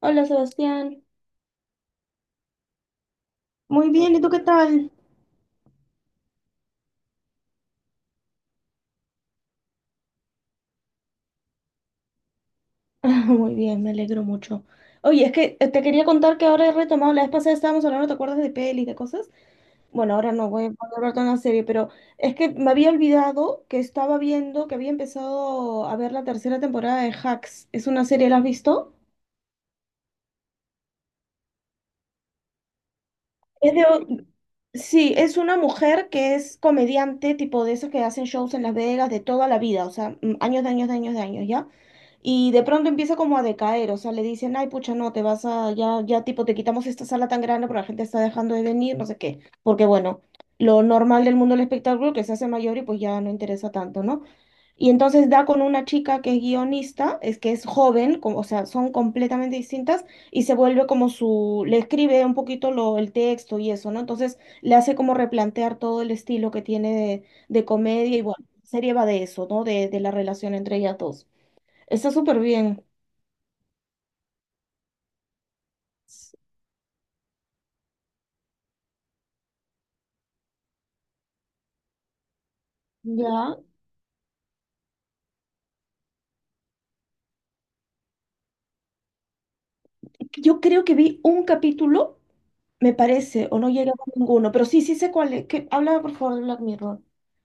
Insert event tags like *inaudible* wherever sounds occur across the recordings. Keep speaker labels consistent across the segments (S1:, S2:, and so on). S1: Hola Sebastián. Muy bien, ¿y tú qué tal? *laughs* Muy bien, me alegro mucho. Oye, es que te quería contar que ahora he retomado, la vez pasada estábamos hablando, ¿te acuerdas de pelis, de cosas? Bueno, ahora no voy, voy a hablar de una serie, pero es que me había olvidado que estaba viendo, que había empezado a ver la tercera temporada de Hacks. ¿Es una serie, la has visto? Es de, sí, es una mujer que es comediante, tipo de esas que hacen shows en Las Vegas de toda la vida, o sea, años de años de años de años, ¿ya? Y de pronto empieza como a decaer, o sea, le dicen, ay, pucha, no, te vas a, ya, ya, tipo, te quitamos esta sala tan grande porque la gente está dejando de venir, no sé qué, porque bueno, lo normal del mundo del espectáculo que se hace mayor y pues ya no interesa tanto, ¿no? Y entonces da con una chica que es guionista, es que es joven, o sea, son completamente distintas, y se vuelve como su, le escribe un poquito lo, el texto y eso, ¿no? Entonces le hace como replantear todo el estilo que tiene de comedia y bueno, la serie va de eso, ¿no? De la relación entre ellas dos. Está súper bien. Ya, yo creo que vi un capítulo, me parece, o no llegué a ver ninguno, pero sí, sí sé cuál es. Que, háblame por favor de Black Mirror.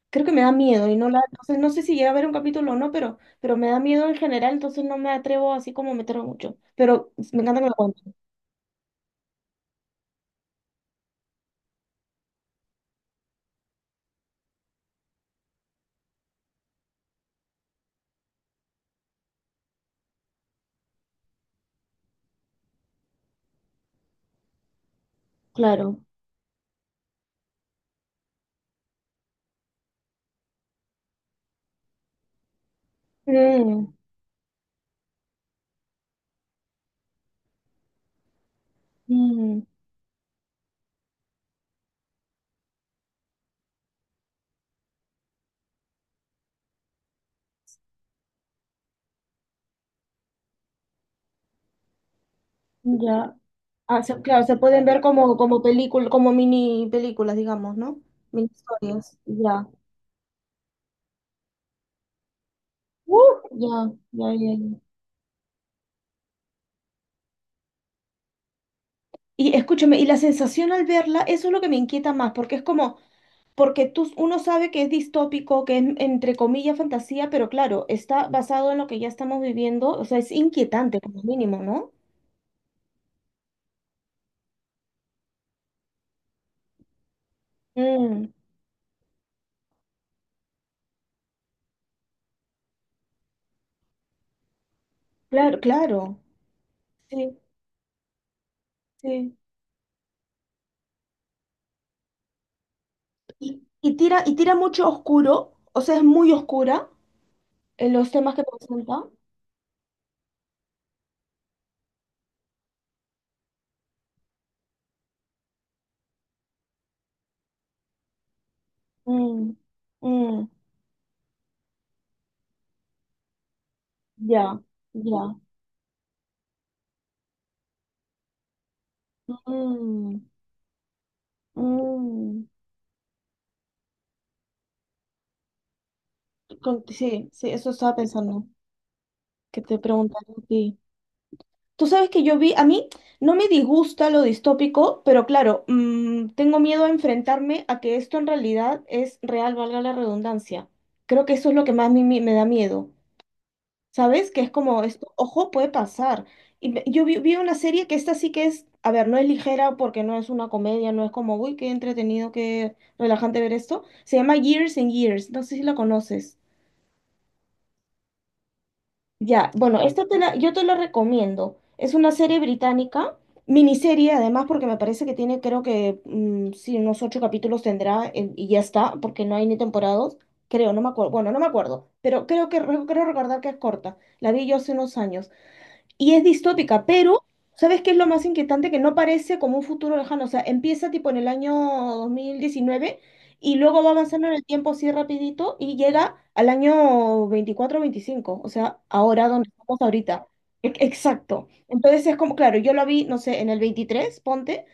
S1: Creo que me da miedo y no la, entonces no sé si llega a ver un capítulo o no, pero me da miedo en general, entonces no me atrevo así como a meterme mucho. Pero me encanta que me lo cuenten. Claro. Mm, mm, ya. Claro, se pueden ver como, como película, como mini películas, digamos, ¿no? Mini historias, ya. Uh, ya, ya, ya, ya. Y escúchame, y la sensación al verla, eso es lo que me inquieta más, porque es como, porque tú, uno sabe que es distópico, que es entre comillas fantasía, pero claro, está basado en lo que ya estamos viviendo, o sea, es inquietante como mínimo, ¿no? Mm, claro, claro. Sí, sí. Y, y tira mucho oscuro, o sea, es muy oscura en los temas que presenta. Mm, mm, ya, ya. Mm, mm. Sí, sí, eso estaba pensando, que te preguntaría a ti. Tú sabes que yo vi, a mí no me disgusta lo distópico, pero claro, tengo miedo a enfrentarme a que esto en realidad es real, valga la redundancia. Creo que eso es lo que más a mí me da miedo. ¿Sabes? Que es como, esto, ojo, puede pasar. Yo vi una serie que esta sí que es, a ver, no es ligera porque no es una comedia, no es como, uy, qué entretenido, qué relajante ver esto. Se llama Years and Years, no sé si la conoces. Ya, bueno, yo te la recomiendo. Es una serie británica, miniserie además, porque me parece que tiene, creo que, sí, unos 8 capítulos tendrá y ya está, porque no hay ni temporadas, creo, no me acuerdo, bueno, no me acuerdo, pero creo que, creo recordar que es corta. La vi yo hace unos años. Y es distópica, pero ¿sabes qué es lo más inquietante? Que no parece como un futuro lejano, o sea, empieza tipo en el año 2019 y luego va avanzando en el tiempo así rapidito y llega al año 24 o 25, o sea, ahora donde estamos ahorita. Exacto. Entonces es como, claro, yo lo vi, no sé, en el 23, ponte,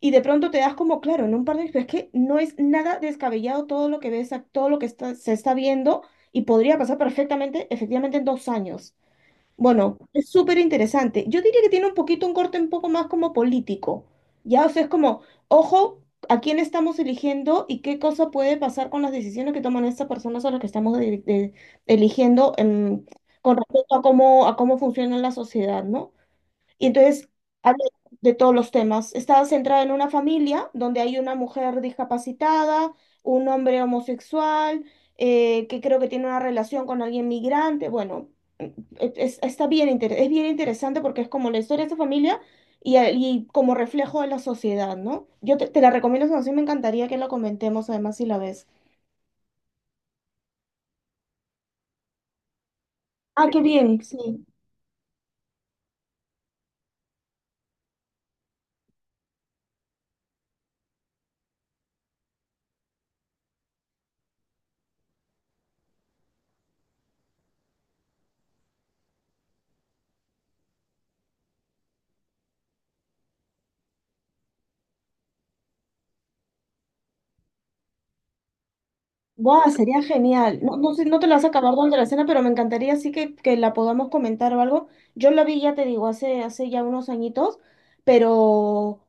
S1: y de pronto te das como, claro, en un par de pero es que no es nada descabellado todo lo que ves, todo lo que se está viendo y podría pasar perfectamente, efectivamente, en 2 años. Bueno, es súper interesante. Yo diría que tiene un poquito un corte un poco más como político. Ya, o sea, es como, ojo, a quién estamos eligiendo y qué cosa puede pasar con las decisiones que toman estas personas a las que estamos eligiendo con respecto a cómo funciona la sociedad, ¿no? Y entonces habla de todos los temas. Está centrada en una familia donde hay una mujer discapacitada, un hombre homosexual, que creo que tiene una relación con alguien migrante. Bueno, e- es, es bien interesante porque es como la historia de esta familia y como reflejo de la sociedad, ¿no? Yo te la recomiendo, esa me encantaría que la comentemos además si la ves. Ah, qué bien, sí. Guau, sería genial. No, no sé, no te la vas a acabar durante la cena, pero me encantaría así que la podamos comentar o algo. Yo la vi, ya te digo, hace ya unos añitos, pero,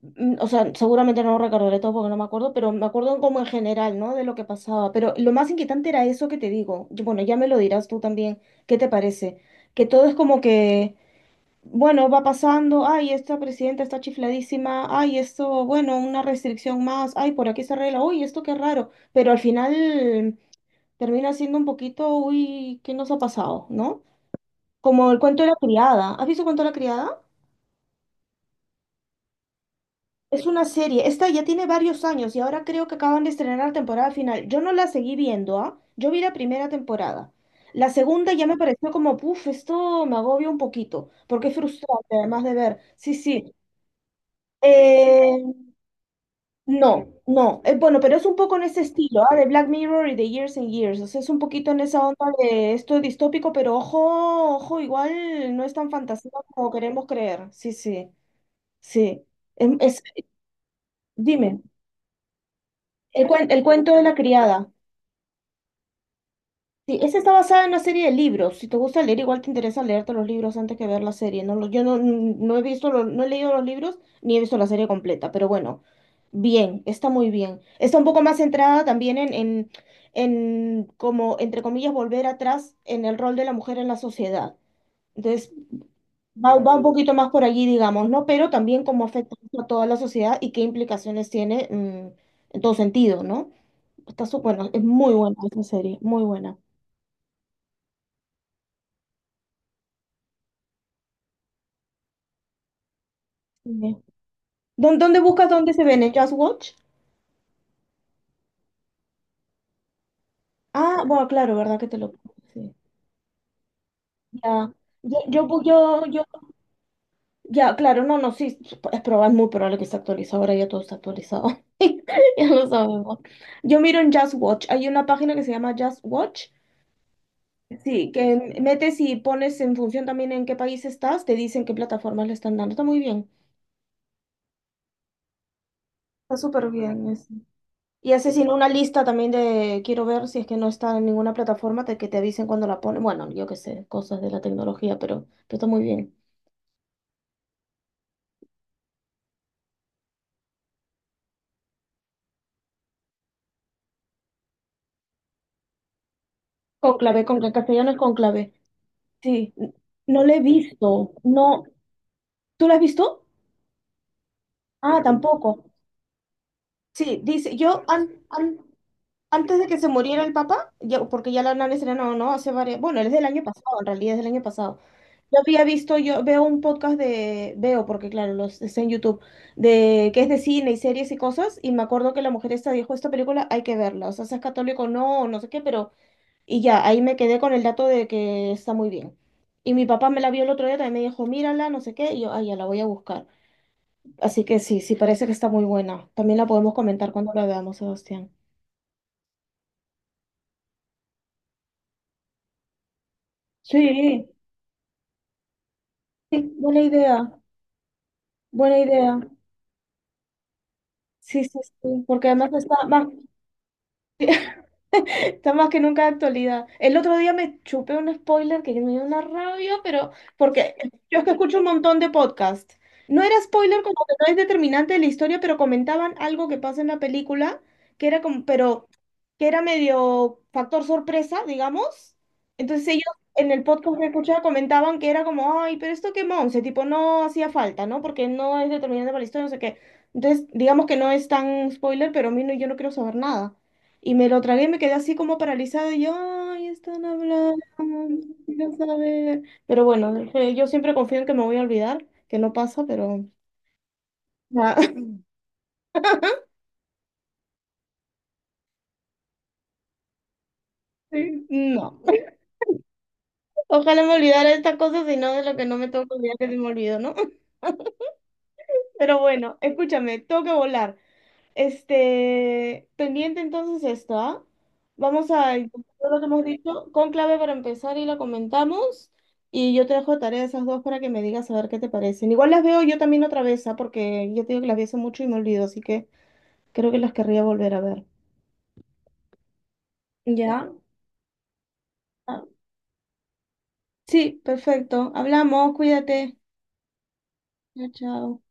S1: o sea, seguramente no lo recordaré todo porque no me acuerdo, pero me acuerdo como en general, ¿no? De lo que pasaba. Pero lo más inquietante era eso que te digo. Yo. Bueno, ya me lo dirás tú también. ¿Qué te parece? Que todo es como que, bueno, va pasando, ay, esta presidenta está chifladísima, ay, esto, bueno, una restricción más, ay, por aquí se arregla, uy, esto qué raro pero al final termina siendo un poquito, uy, ¿qué nos ha pasado? ¿No? Como el cuento de la criada. ¿Has visto el cuento de la criada? Es una serie. Esta ya tiene varios años y ahora creo que acaban de estrenar la temporada final. Yo no la seguí viendo, ¿ah? Yo vi la primera temporada. La segunda ya me pareció como, puf, esto me agobia un poquito, porque es frustrante además de ver. Sí, sí. Eh, no, no, es bueno, pero es un poco en ese estilo, ¿ah? De Black Mirror y de Years and Years. O sea, es un poquito en esa onda de esto distópico, pero ojo, ojo, igual no es tan fantasía como queremos creer. Sí, sí, sí. Em- Es, dime, el cuento de la criada. Sí, esa está basada en una serie de libros. Si te gusta leer, igual te interesa leerte los libros antes que ver la serie. Yo no, no he visto, no he leído los libros ni he visto la serie completa, pero bueno, bien, está muy bien. Está un poco más centrada también en como, entre comillas, volver atrás en el rol de la mujer en la sociedad. Entonces, va un poquito más por allí, digamos, ¿no? Pero también cómo afecta a toda la sociedad y qué implicaciones tiene, en todo sentido, ¿no? Está su, bueno, es muy buena esa serie, muy buena. ¿Dónde buscas dónde se ven? ¿En Just Watch? Ah, bueno, claro, ¿verdad que te lo... sí. Ya. Yo, bu- yo- ya, claro, no, no, sí, es probable, muy probable que esté actualizado, ahora ya todo está actualizado, *laughs* ya lo sabemos. Yo miro en Just Watch, hay una página que se llama Just Watch, sí, que metes y pones en función también en qué país estás, te dicen qué plataformas le están dando, está muy bien, está súper bien. Y haces sino una lista también de, quiero ver si es que no está en ninguna plataforma, te, que te avisen cuando la ponen. Bueno, yo qué sé, cosas de la tecnología, pero está muy bien. Conclave, conclave, castellano es conclave. Sí, no lo he visto. No, ¿tú lo has visto? Ah, tampoco. Sí, dice, antes de que se muriera el papá, yo, porque ya la nana era no, no, hace varias, bueno, es del año pasado, en realidad es del año pasado. Yo había visto, yo veo un podcast de, veo, porque claro, los está en YouTube, de que es de cine y series y cosas, y me acuerdo que la mujer esta dijo, esta película hay que verla, o sea, seas católico o no sé qué, pero, y ya, ahí me quedé con el dato de que está muy bien. Y mi papá me la vio el otro día, también me dijo, mírala, no sé qué, y yo, ay, ya la voy a buscar. Así que sí, sí, parece que está muy buena. También la podemos comentar cuando la veamos, Sebastián. Sí. Sí, buena idea, buena idea. Sí, sí, sí, porque además está más *laughs* está más que nunca de actualidad. El otro día me chupé un spoiler que me dio una rabia, pero porque yo es que escucho un montón de podcasts. No era spoiler como que no es determinante de la historia, pero comentaban algo que pasa en la película, que era como, pero que era medio factor sorpresa, digamos. Entonces ellos en el podcast que escuchaba comentaban que era como, ay, pero esto qué monse, tipo, no hacía falta, ¿no? Porque no es determinante para la historia, no sé qué. Entonces, digamos que no es tan spoiler, pero a mí no, yo no quiero saber nada. Y me lo tragué y me quedé así como paralizada. Y yo, ay, están hablando, quiero saber. Pero bueno, dije, yo siempre confío en que me voy a olvidar, que no pasa, pero. Ah, *laughs* sí, no. Ojalá me olvidara de estas cosas y no de lo que no me tengo que olvidar que se me olvidó, ¿no? *laughs* Pero bueno, escúchame, tengo que volar. Este, pendiente entonces esto, ¿ah? Vamos a incorporar lo que hemos dicho, con conclave para empezar y la comentamos. Y yo te dejo de tarea esas dos para que me digas a ver qué te parecen. Igual las veo yo también otra vez, ¿ah? Porque yo te digo que las vi hace mucho y me olvido, así que creo que las querría volver a ver. ¿Ya? Ah, sí, perfecto. Hablamos, cuídate. Chao, chao.